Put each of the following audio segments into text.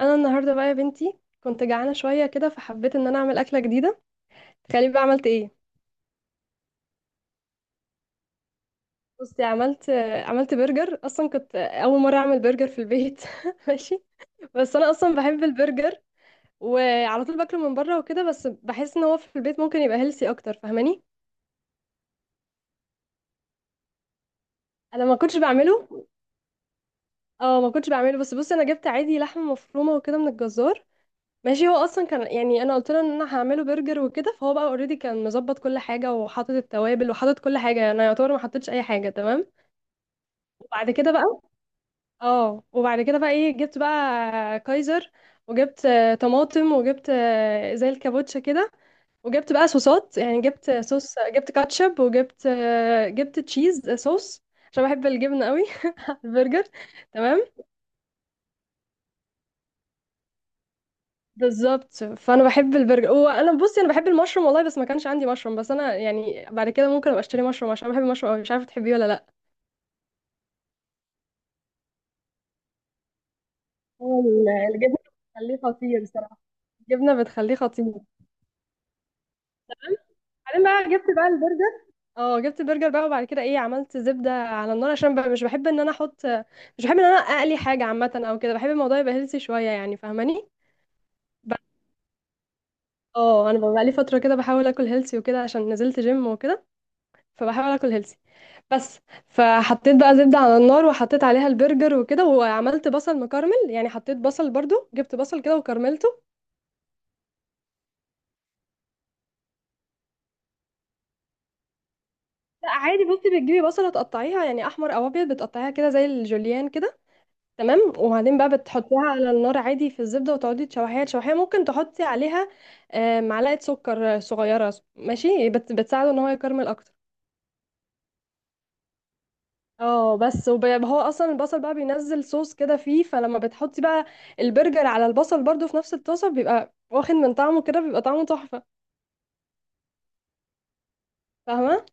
انا النهارده بقى يا بنتي كنت جعانه شويه كده، فحبيت ان انا اعمل اكله جديده. تخيلي بقى عملت ايه؟ بصي عملت برجر. اصلا كنت اول مره اعمل برجر في البيت ماشي، بس انا اصلا بحب البرجر وعلى طول باكله من بره وكده، بس بحس ان هو في البيت ممكن يبقى هيلسي اكتر. فاهماني، انا ما كنتش بعمله. اه، ما كنتش بعمله. بس بصي، انا جبت عادي لحمه مفرومه وكده من الجزار. ماشي، هو اصلا كان يعني انا قلت له ان انا هعمله برجر وكده، فهو بقى اوريدي كان مظبط كل حاجه، وحاطط التوابل، وحاطط كل حاجه. انا يعتبر ما حطيتش اي حاجه. تمام، وبعد كده بقى اه وبعد كده بقى ايه، جبت بقى كايزر، وجبت طماطم، وجبت زي الكابوتشا كده، وجبت بقى صوصات. يعني جبت صوص، جبت كاتشب، وجبت آه، جبت تشيز صوص، عشان بحب الجبنه قوي على البرجر. تمام، بالظبط، فانا بحب البرجر. وانا بصي، انا بحب المشروم والله، بس ما كانش عندي مشروم. بس انا يعني بعد كده ممكن ابقى اشتري مشروم، عشان بحب المشروم أوي. مش عارفه تحبيه ولا لا. هو ال- الجبنة بتخليه خطير بصراحة. الجبنه بتخليه خطير. بعدين بقى جبت بقى البرجر اه جبت البرجر بقى. وبعد كده ايه، عملت زبده على النار، عشان بقى مش بحب ان انا احط مش بحب ان انا اقلي حاجه عامه او كده. بحب الموضوع يبقى هيلثي شويه، يعني فاهماني؟ ب- اه انا بقى لي فتره كده بحاول اكل هيلثي وكده، عشان نزلت جيم وكده، فبحاول اكل هيلثي. بس، فحطيت بقى زبدة على النار، وحطيت عليها البرجر وكده، وعملت بصل مكرمل. يعني حطيت بصل برضو، جبت بصل كده وكرملته. لا عادي، بصي بتجيبي بصلة تقطعيها، يعني احمر او ابيض، بتقطعيها كده زي الجوليان كده. تمام، وبعدين بقى بتحطيها على النار عادي في الزبدة، وتقعدي تشوحيها تشوحيها. ممكن تحطي عليها معلقة سكر صغيرة. ماشي، بتساعده ان هو يكرمل اكتر. اه بس، هو اصلا البصل بقى بينزل صوص كده فيه، فلما بتحطي بقى البرجر على البصل برضو في نفس الطاسه، بيبقى واخد من طعمه كده، بيبقى طعمه تحفه. فاهمه؟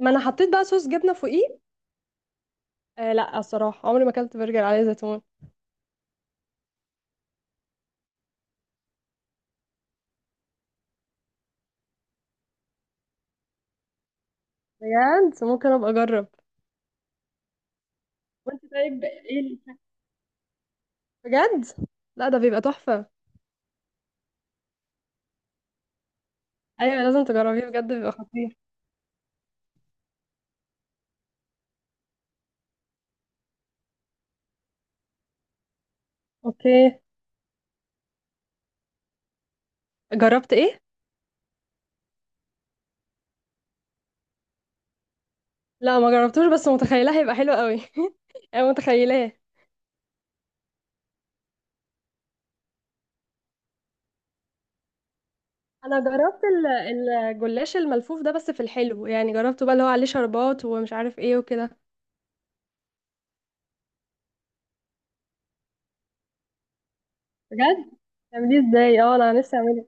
ما انا حطيت بقى صوص جبنه فوقيه. آه لا، الصراحه عمري ما اكلت برجر عليه زيتون. بجد ممكن ابقى اجرب. وانت طيب، بجد لا، ده بيبقى تحفه. ايوه، لازم تجربيه بجد، بيبقى خطير. اوكي، جربت ايه؟ لا ما جربتوش، بس متخيلاه هيبقى حلو قوي انا متخيلاه. انا الجلاش الملفوف ده بس في الحلو، يعني جربته بقى، اللي هو عليه شربات ومش عارف ايه وكده. بجد بتعمليه ازاي؟ اه، انا نفسي اعمله.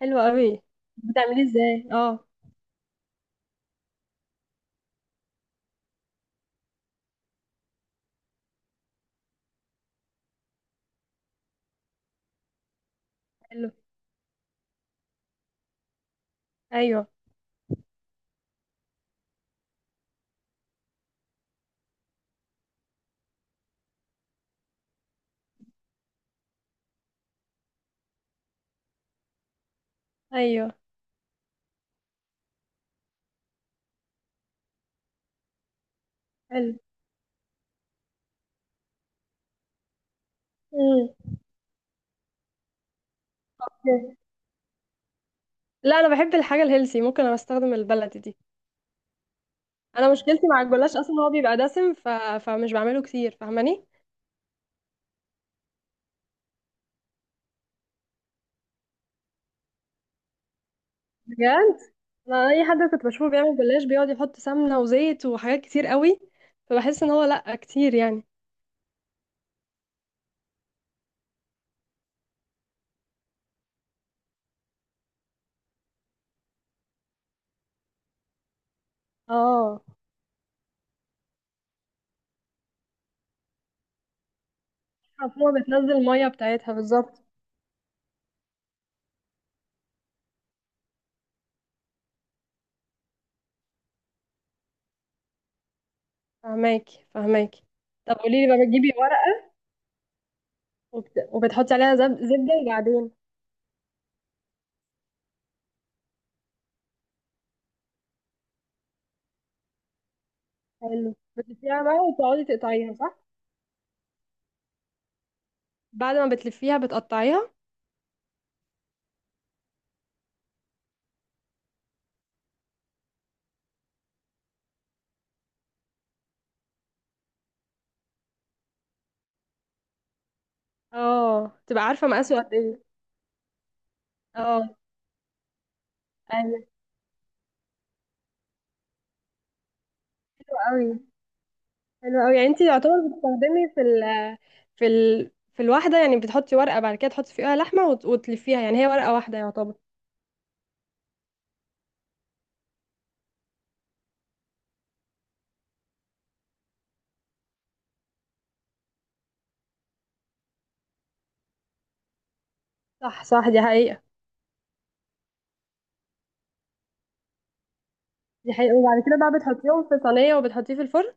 حلو قوي. بتعمليه ازاي؟ اه، حلو. ايوه، ايوه، حلو. مم. لا انا بحب الحاجه الهيلسي، ممكن انا استخدم البلدي دي. انا مشكلتي مع الجلاش اصلا هو بيبقى دسم، ف... فمش بعمله كتير. فاهماني؟ بجد انا اي حد كنت بشوفه بيعمل جلاش، بيقعد يحط سمنه وزيت وحاجات كتير قوي، فبحس ان هو لا، كتير يعني. اه، هو بتنزل المية بتاعتها بالظبط. فهماكي، فهماكي. طب قولي لي بقى، بتجيبي ورقة، وبتحطي عليها زبدة، وبعدين؟ حلو، بتلفيها بقى وتقعدي تقطعيها صح؟ بعد ما بتلفيها بتقطعيها. اه، تبقى عارفة مقاسه قد ايه. اه، ايوه، قوي. حلو قوي. يعني انتي يعتبر بتستخدمي في الواحدة، يعني بتحطي ورقة، بعد كده تحطي فيها لحمة، وتلفيها. يعني هي ورقة واحدة يعتبر. صح، صح، دي حقيقة. دي حقيقة، وبعد كده بقى بتحطيهم في صينية، وبتحطيه في الفرن.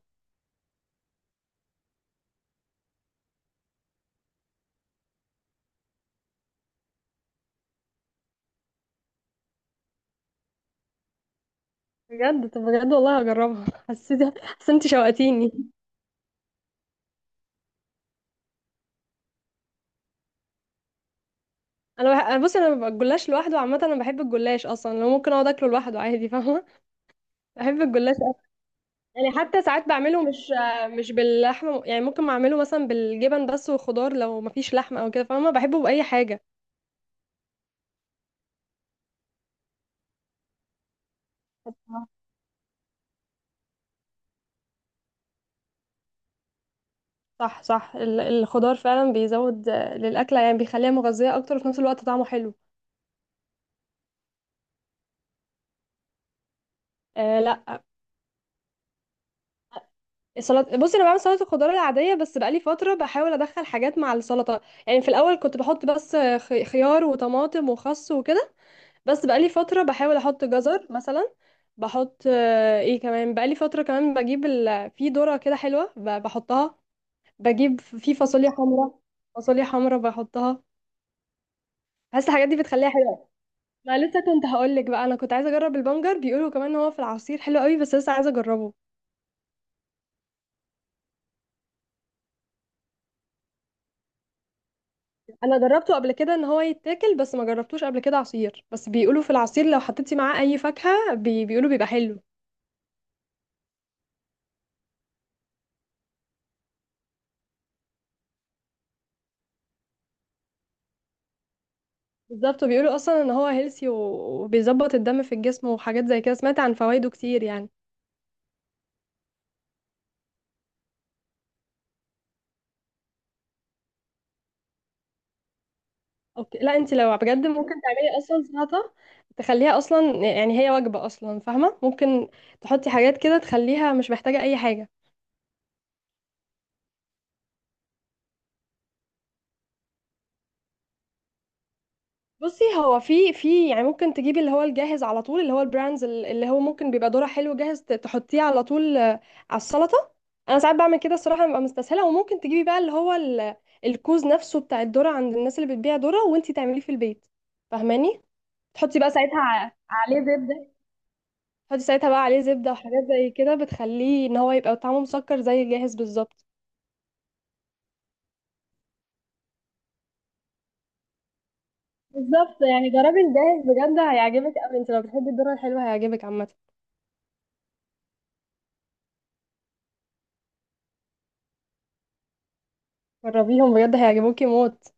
بجد؟ طب بجد والله هجربها. حسيت انت شوقتيني. انا بصي، انا ببقى الجلاش لوحده عامه. انا بحب الجلاش اصلا، لو ممكن اقعد اكله لوحده عادي. فاهمه، بحب الجلاش أوي. يعني حتى ساعات بعمله مش باللحمه، يعني ممكن اعمله مثلا بالجبن بس والخضار، لو مفيش لحمه او كده. فاهمه، بحبه باي حاجه. صح، صح، الخضار فعلا بيزود للاكله، يعني بيخليها مغذيه اكتر، وفي نفس الوقت طعمه حلو. آه لا، السلطه بصي، انا بعمل سلطه الخضار العاديه، بس بقالي فتره بحاول ادخل حاجات مع السلطه. يعني في الاول كنت بحط بس خيار وطماطم وخس وكده، بس بقالي فتره بحاول احط جزر مثلا. بحط آه، ايه كمان، بقالي فتره كمان بجيب في ذره كده حلوه، بحطها. بجيب في فاصوليا حمراء، فاصوليا حمراء بحطها. بحس الحاجات دي بتخليها حلوه. ما لسه كنت هقول لك بقى، انا كنت عايزه اجرب البنجر، بيقولوا كمان ان هو في العصير حلو قوي، بس لسه عايزه اجربه. انا جربته قبل كده ان هو يتاكل، بس ما جربتوش قبل كده عصير. بس بيقولوا في العصير لو حطيتي معاه اي فاكهة، بيقولوا بيبقى حلو. بالظبط، وبيقولوا اصلا ان هو هيلثي، وبيظبط الدم في الجسم وحاجات زي كده. سمعت عن فوائده كتير يعني. اوكي، لا انت لو بجد ممكن تعملي اصلا سلطة، تخليها اصلا يعني هي وجبة اصلا. فاهمة، ممكن تحطي حاجات كده تخليها مش محتاجة اي حاجة. بصي، هو في يعني، ممكن تجيبي اللي هو الجاهز على طول، اللي هو البراندز، اللي هو ممكن بيبقى دورة حلو جاهز، تحطيه على طول على السلطة. انا ساعات بعمل كده الصراحة، ببقى مستسهلة. وممكن تجيبي بقى اللي هو الكوز نفسه بتاع الذرة، عند الناس اللي بتبيع ذرة، وانتي تعمليه في البيت. فاهماني، تحطي بقى ساعتها عليه زبدة. تحطي ساعتها بقى عليه زبدة وحاجات زي كده، بتخليه ان هو يبقى طعمه مسكر زي الجاهز بالظبط. بالظبط، يعني جربي الجاهز بجد، هيعجبك قوي. انت لو بتحبي الذرة الحلوة هيعجبك عامة. جربيهم بجد، هيعجبوكي موت.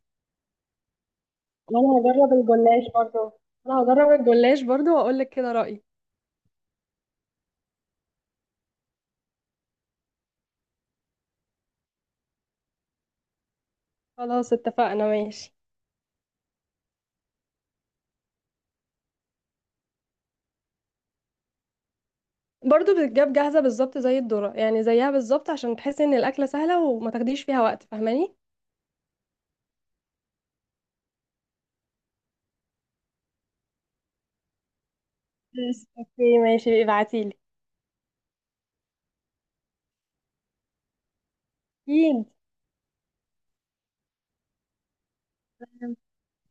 وانا هجرب الجلاش برضو. انا هجرب الجلاش برضو واقول لك كده رأيي. خلاص اتفقنا، ماشي. برضو بتتجاب جاهزة بالظبط زي الذرة، يعني زيها بالظبط، عشان تحسي ان الأكلة سهلة وما تاخديش فيها وقت. فاهماني؟ بس اوكي، ماشي، ابعتيلي. اكيد.